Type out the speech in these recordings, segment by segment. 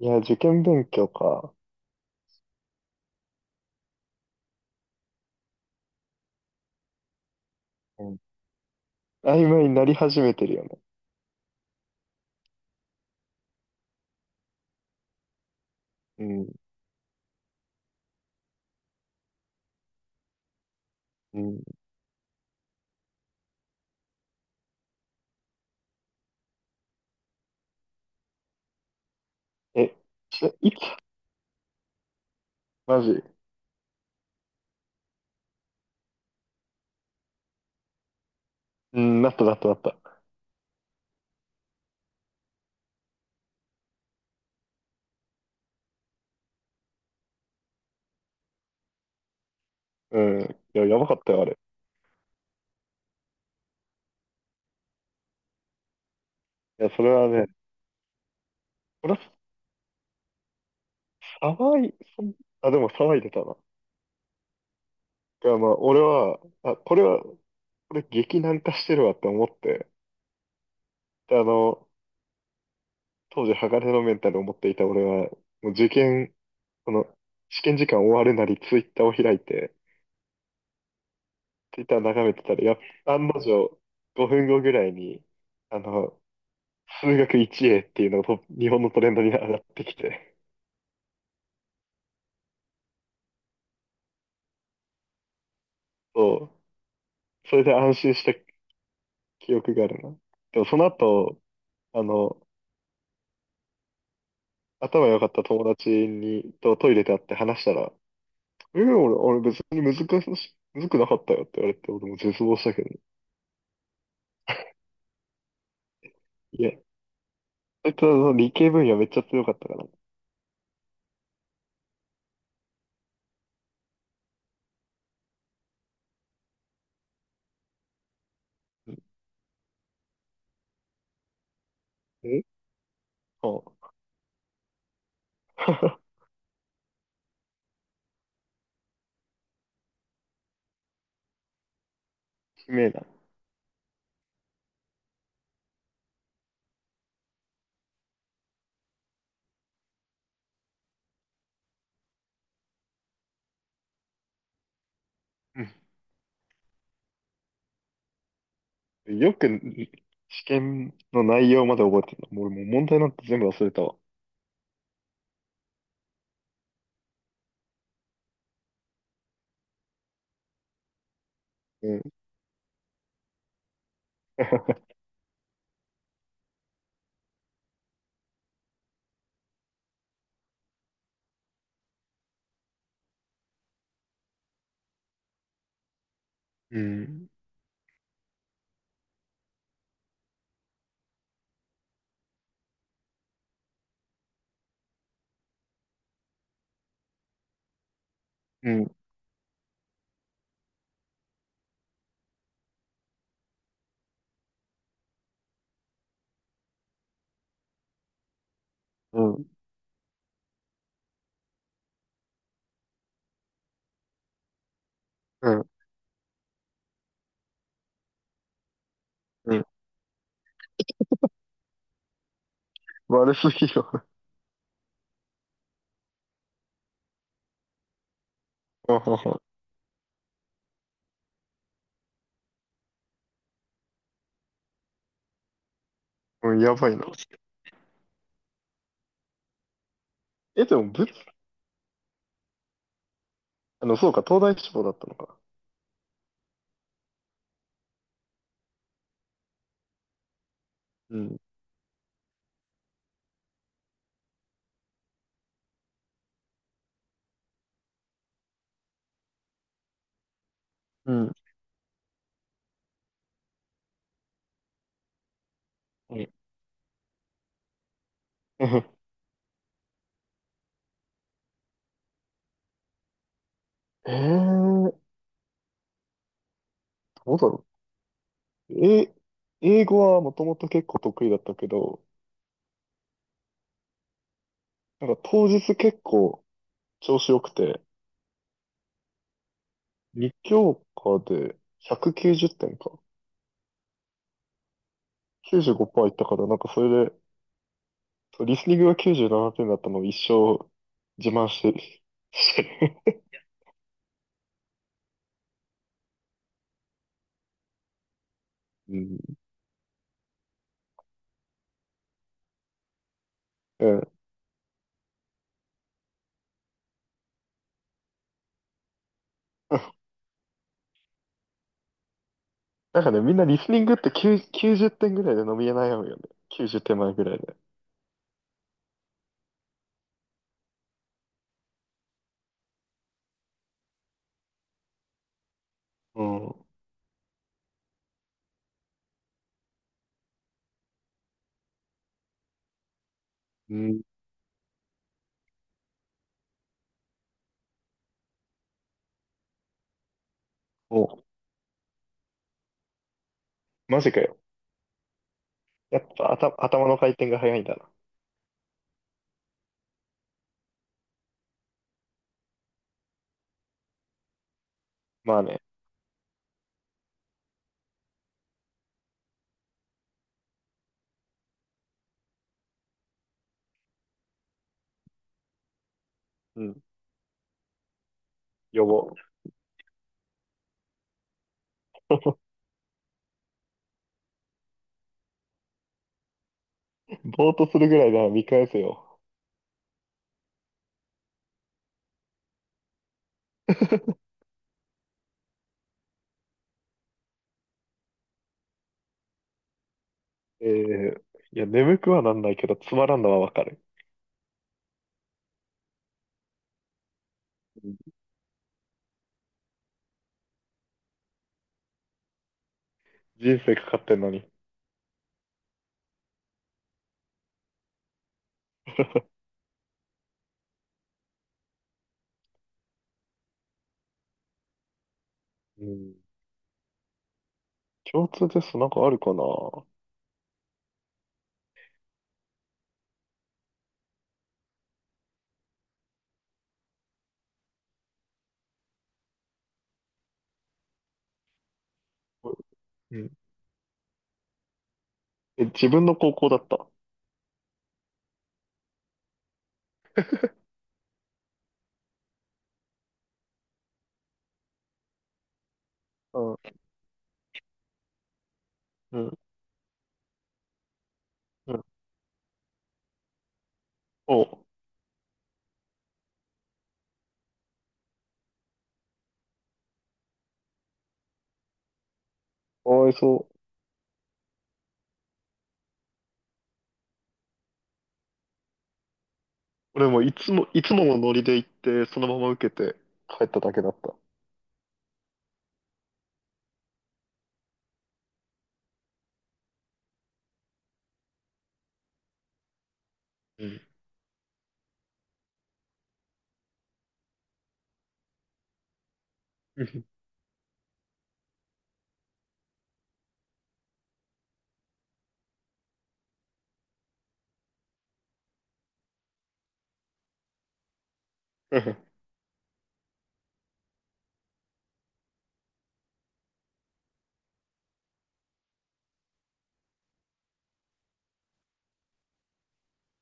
いや、受験勉強か。うん、曖昧になり始めてるよね。うん、うん。え、いつマジ。うん、なったなったなった。うん。いや、やばかったよ、あれ。いや、それはね、これは騒い、そんあ、でも騒いでたな。いや、まあ、俺は、れ激難化してるわって思って、で、当時、鋼のメンタルを持っていた俺は、もう受験、この、試験時間終わるなり、ツイッターを開いて、ツイッター眺めてたら、やっ案の定、5分後ぐらいに、あの、数学 1A っていうのが日本のトレンドに上がってきて、そう、それで安心した記憶があるな。でもその後、あの、頭良かった友達に、トイレで会って話したら、えー俺、俺別に難し、難くなかったよって言われて、俺も絶望したけどね。いや、そいつはその理系分野めっちゃ強かったから。うんえあ、う しめえな。 よく試験の内容まで覚えてるの。俺もう問題なんて全部忘れたわ。うん。うん。うん。うん。うん。うん、悪すぎるわ。あはは。うん、やばいな。え、でも、ぶ、あの、そうか、東大志望だったのか。うん。うん。うん。 えー、どうだろう。え、英語はもともと結構得意だったけど、なんか当日結構調子良くて、2教科で190点か。95%いったから、なんかそれでそうリスニングが97点だったのを一生自慢して、してる。うん。うん。なんかね、みんなリスニングって9、90点ぐらいで伸び悩むよね。90点前ぐらいで。うん。うん。お、マジかよ。やっぱ頭の回転が早いんだな。まあね。うん。呼ぼう。ぼーっとするぐらいなら見返せよ。えー、いや、眠くはなんないけど、つまらんのはわかる。うん、人生かかってんのに。うん。共通テストなんかあるかな。うん。え、自分の高校だった。うん。うん。うん。おう。かわいそう。俺もいつも、いつものノリで行って、そのまま受けて帰っただけだった。うん。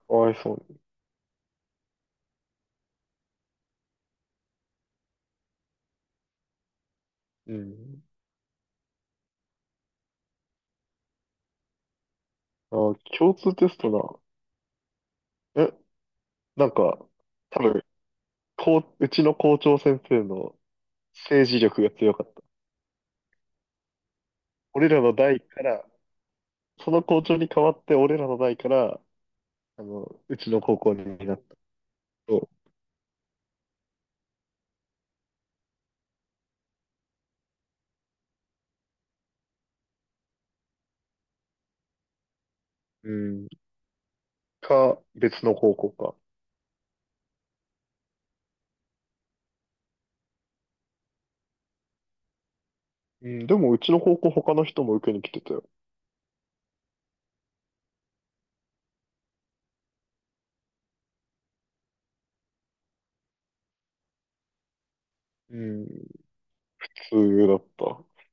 かわいそうに。うん。あ、共通テストな。え、なんか、多分、こう、うちの校長先生の政治力が強かった。俺らの代から、その校長に代わって、俺らの代から、あの、うちの高校になったと、うん、か、別の高校か。うん、でもうちの高校他の人も受けに来てたよ。うん、普通だった。